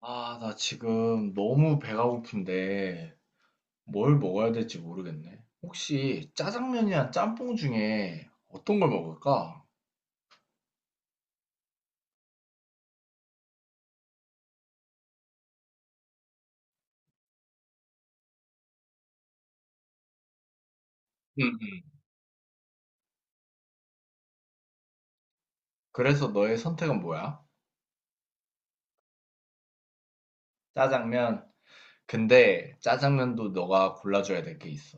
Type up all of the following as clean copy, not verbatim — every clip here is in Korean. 아, 나 지금 너무 배가 고픈데 뭘 먹어야 될지 모르겠네. 혹시 짜장면이랑 짬뽕 중에 어떤 걸 먹을까? 응, 응. 그래서 너의 선택은 뭐야? 짜장면. 근데 짜장면도 너가 골라줘야 될 게 있어.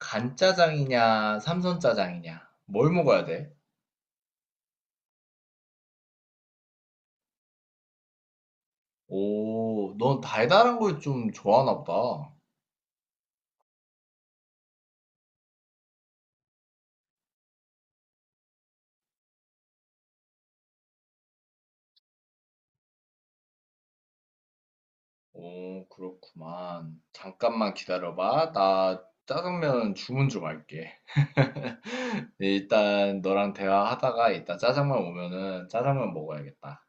간짜장이냐, 삼선짜장이냐. 뭘 먹어야 돼? 오, 넌 달달한 걸 좀 좋아하나 보다. 오, 그렇구만. 잠깐만 기다려봐. 나 짜장면 주문 좀 할게. 네, 일단 너랑 대화하다가 이따 짜장면 오면은 짜장면 먹어야겠다.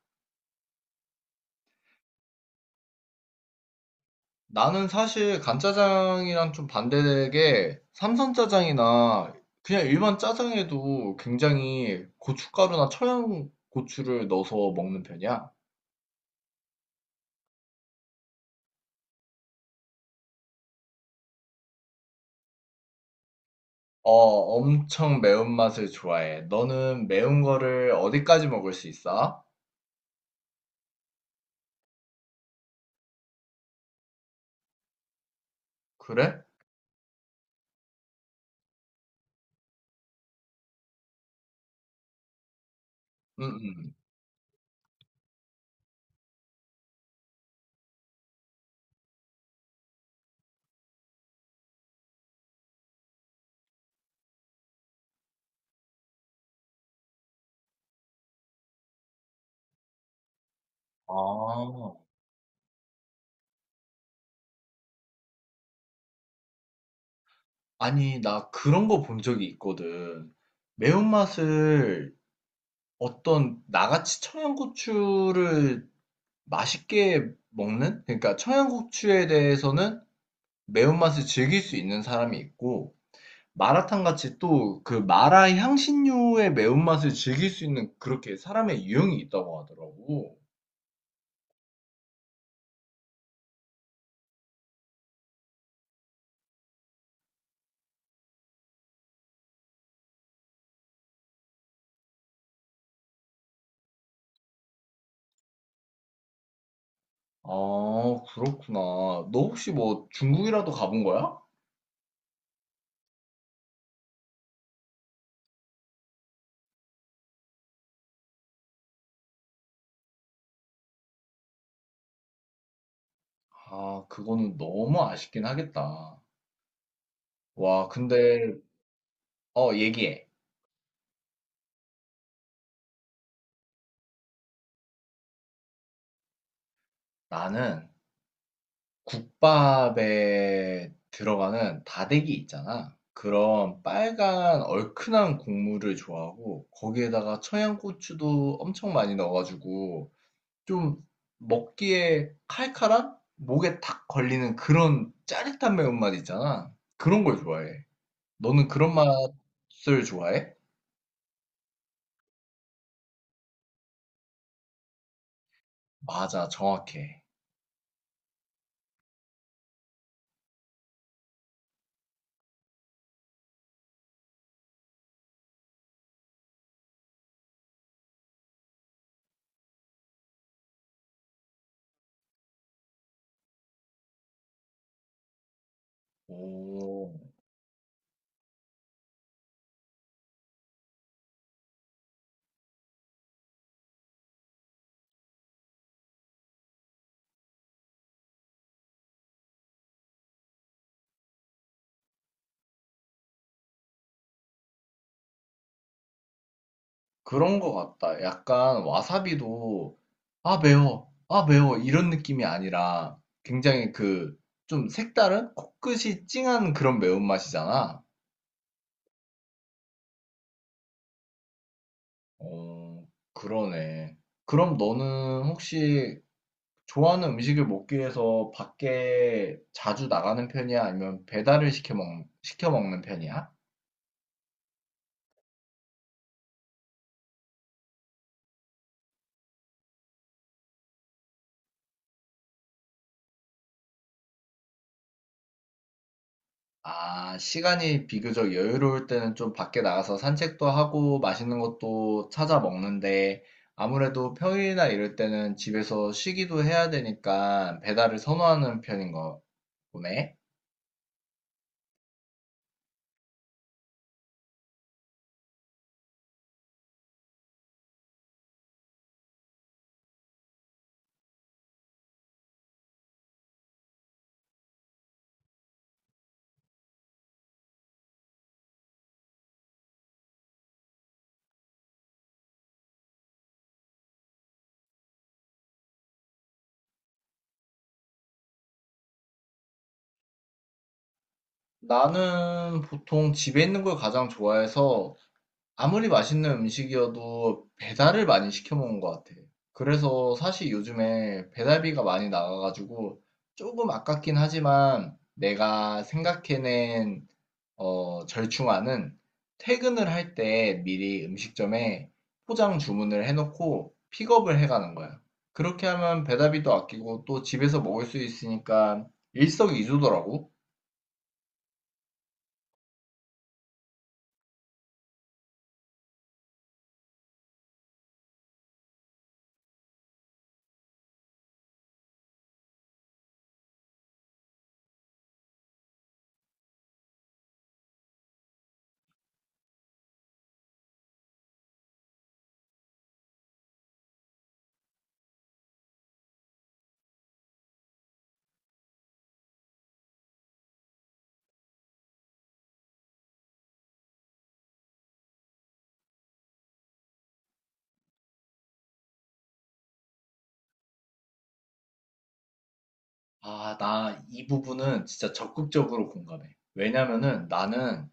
나는 사실 간짜장이랑 좀 반대되게 삼선짜장이나 그냥 일반 짜장에도 굉장히 고춧가루나 청양고추를 넣어서 먹는 편이야. 어, 엄청 매운맛을 좋아해. 너는 매운 거를 어디까지 먹을 수 있어? 그래? 응, 응. 아, 아니, 나 그런 거 본 적이 있거든. 매운맛을 어떤 나같이 청양고추를 맛있게 먹는? 그러니까 청양고추에 대해서는 매운맛을 즐길 수 있는 사람이 있고, 마라탕 같이 또 그 마라 향신료의 매운맛을 즐길 수 있는 그렇게 사람의 유형이 있다고 하더라고. 아, 그렇구나. 너 혹시 뭐 중국이라도 가본 거야? 아, 그거는 너무 아쉽긴 하겠다. 와, 근데, 얘기해. 나는 국밥에 들어가는 다대기 있잖아. 그런 빨간 얼큰한 국물을 좋아하고 거기에다가 청양고추도 엄청 많이 넣어가지고 좀 먹기에 칼칼한 목에 탁 걸리는 그런 짜릿한 매운맛 있잖아. 그런 걸 좋아해. 너는 그런 맛을 좋아해? 맞아, 정확해. 오. 그런 것 같다. 약간 와사비도 아 매워, 아 매워 이런 느낌이 아니라 굉장히 그 좀 색다른 코끝이 찡한 그런 매운맛이잖아. 어, 그러네. 그럼 너는 혹시 좋아하는 음식을 먹기 위해서 밖에 자주 나가는 편이야? 아니면 배달을 시켜 먹, 시켜 먹는 편이야? 아, 시간이 비교적 여유로울 때는 좀 밖에 나가서 산책도 하고 맛있는 것도 찾아 먹는데 아무래도 평일이나 이럴 때는 집에서 쉬기도 해야 되니까 배달을 선호하는 편인 거 보네. 나는 보통 집에 있는 걸 가장 좋아해서 아무리 맛있는 음식이어도 배달을 많이 시켜 먹는 것 같아. 그래서 사실 요즘에 배달비가 많이 나가가지고 조금 아깝긴 하지만 내가 생각해낸 절충안은 퇴근을 할 때 미리 음식점에 포장 주문을 해놓고 픽업을 해가는 거야. 그렇게 하면 배달비도 아끼고 또 집에서 먹을 수 있으니까 일석이조더라고. 아, 나 이 부분은 진짜 적극적으로 공감해. 왜냐면은 나는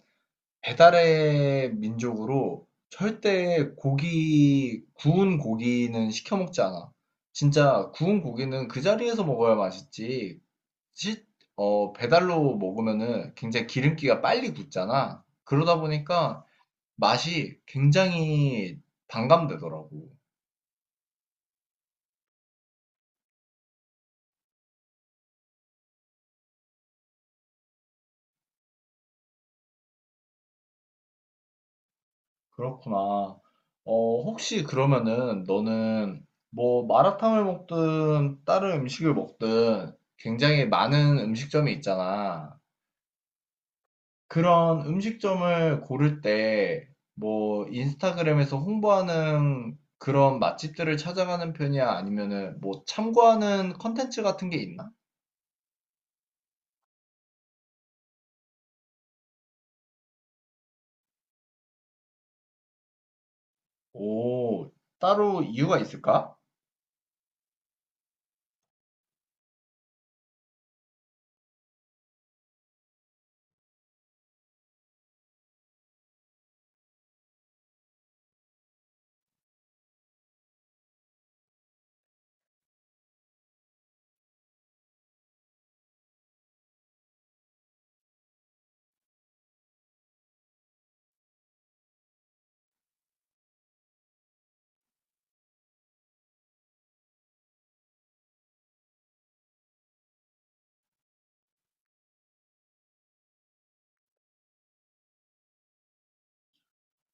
배달의 민족으로 절대 고기, 구운 고기는 시켜 먹지 않아. 진짜 구운 고기는 그 자리에서 먹어야 맛있지. 시- 배달로 먹으면은 굉장히 기름기가 빨리 굳잖아. 그러다 보니까 맛이 굉장히 반감되더라고. 그렇구나. 어, 혹시 그러면은 너는 뭐 마라탕을 먹든 다른 음식을 먹든 굉장히 많은 음식점이 있잖아. 그런 음식점을 고를 때, 뭐, 인스타그램에서 홍보하는 그런 맛집들을 찾아가는 편이야? 아니면은, 뭐, 참고하는 컨텐츠 같은 게 있나? 오, 따로 이유가 있을까?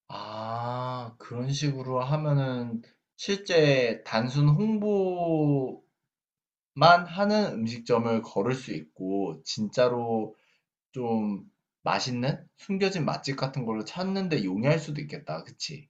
아, 그런 식으로 하면은, 실제 단순 홍보만 하는 음식점을 걸을 수 있고, 진짜로 좀 맛있는? 숨겨진 맛집 같은 걸로 찾는 데 용이할 수도 있겠다. 그치?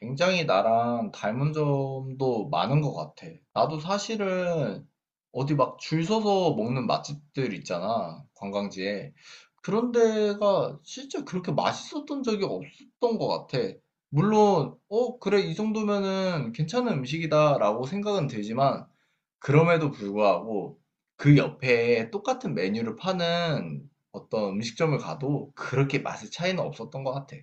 굉장히 나랑 닮은 점도 많은 것 같아. 나도 사실은 어디 막 줄 서서 먹는 맛집들 있잖아, 관광지에. 그런 데가 진짜 그렇게 맛있었던 적이 없었던 것 같아. 물론, 어, 그래, 이 정도면은 괜찮은 음식이다라고 생각은 들지만, 그럼에도 불구하고 그 옆에 똑같은 메뉴를 파는 어떤 음식점을 가도 그렇게 맛의 차이는 없었던 것 같아.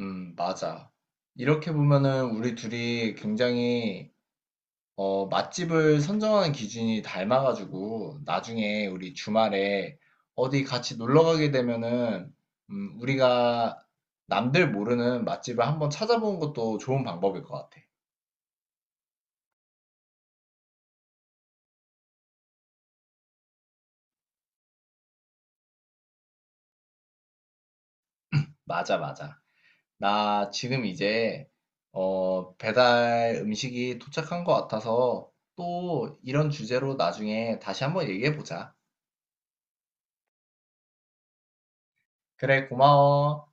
맞아. 이렇게 보면은 우리 둘이 굉장히 맛집을 선정하는 기준이 닮아가지고 나중에 우리 주말에 어디 같이 놀러 가게 되면은 우리가 남들 모르는 맛집을 한번 찾아보는 것도 좋은 방법일 것 같아. 맞아, 맞아. 나 지금 이제 배달 음식이 도착한 것 같아서 또 이런 주제로 나중에 다시 한번 얘기해 보자. 그래, 고마워.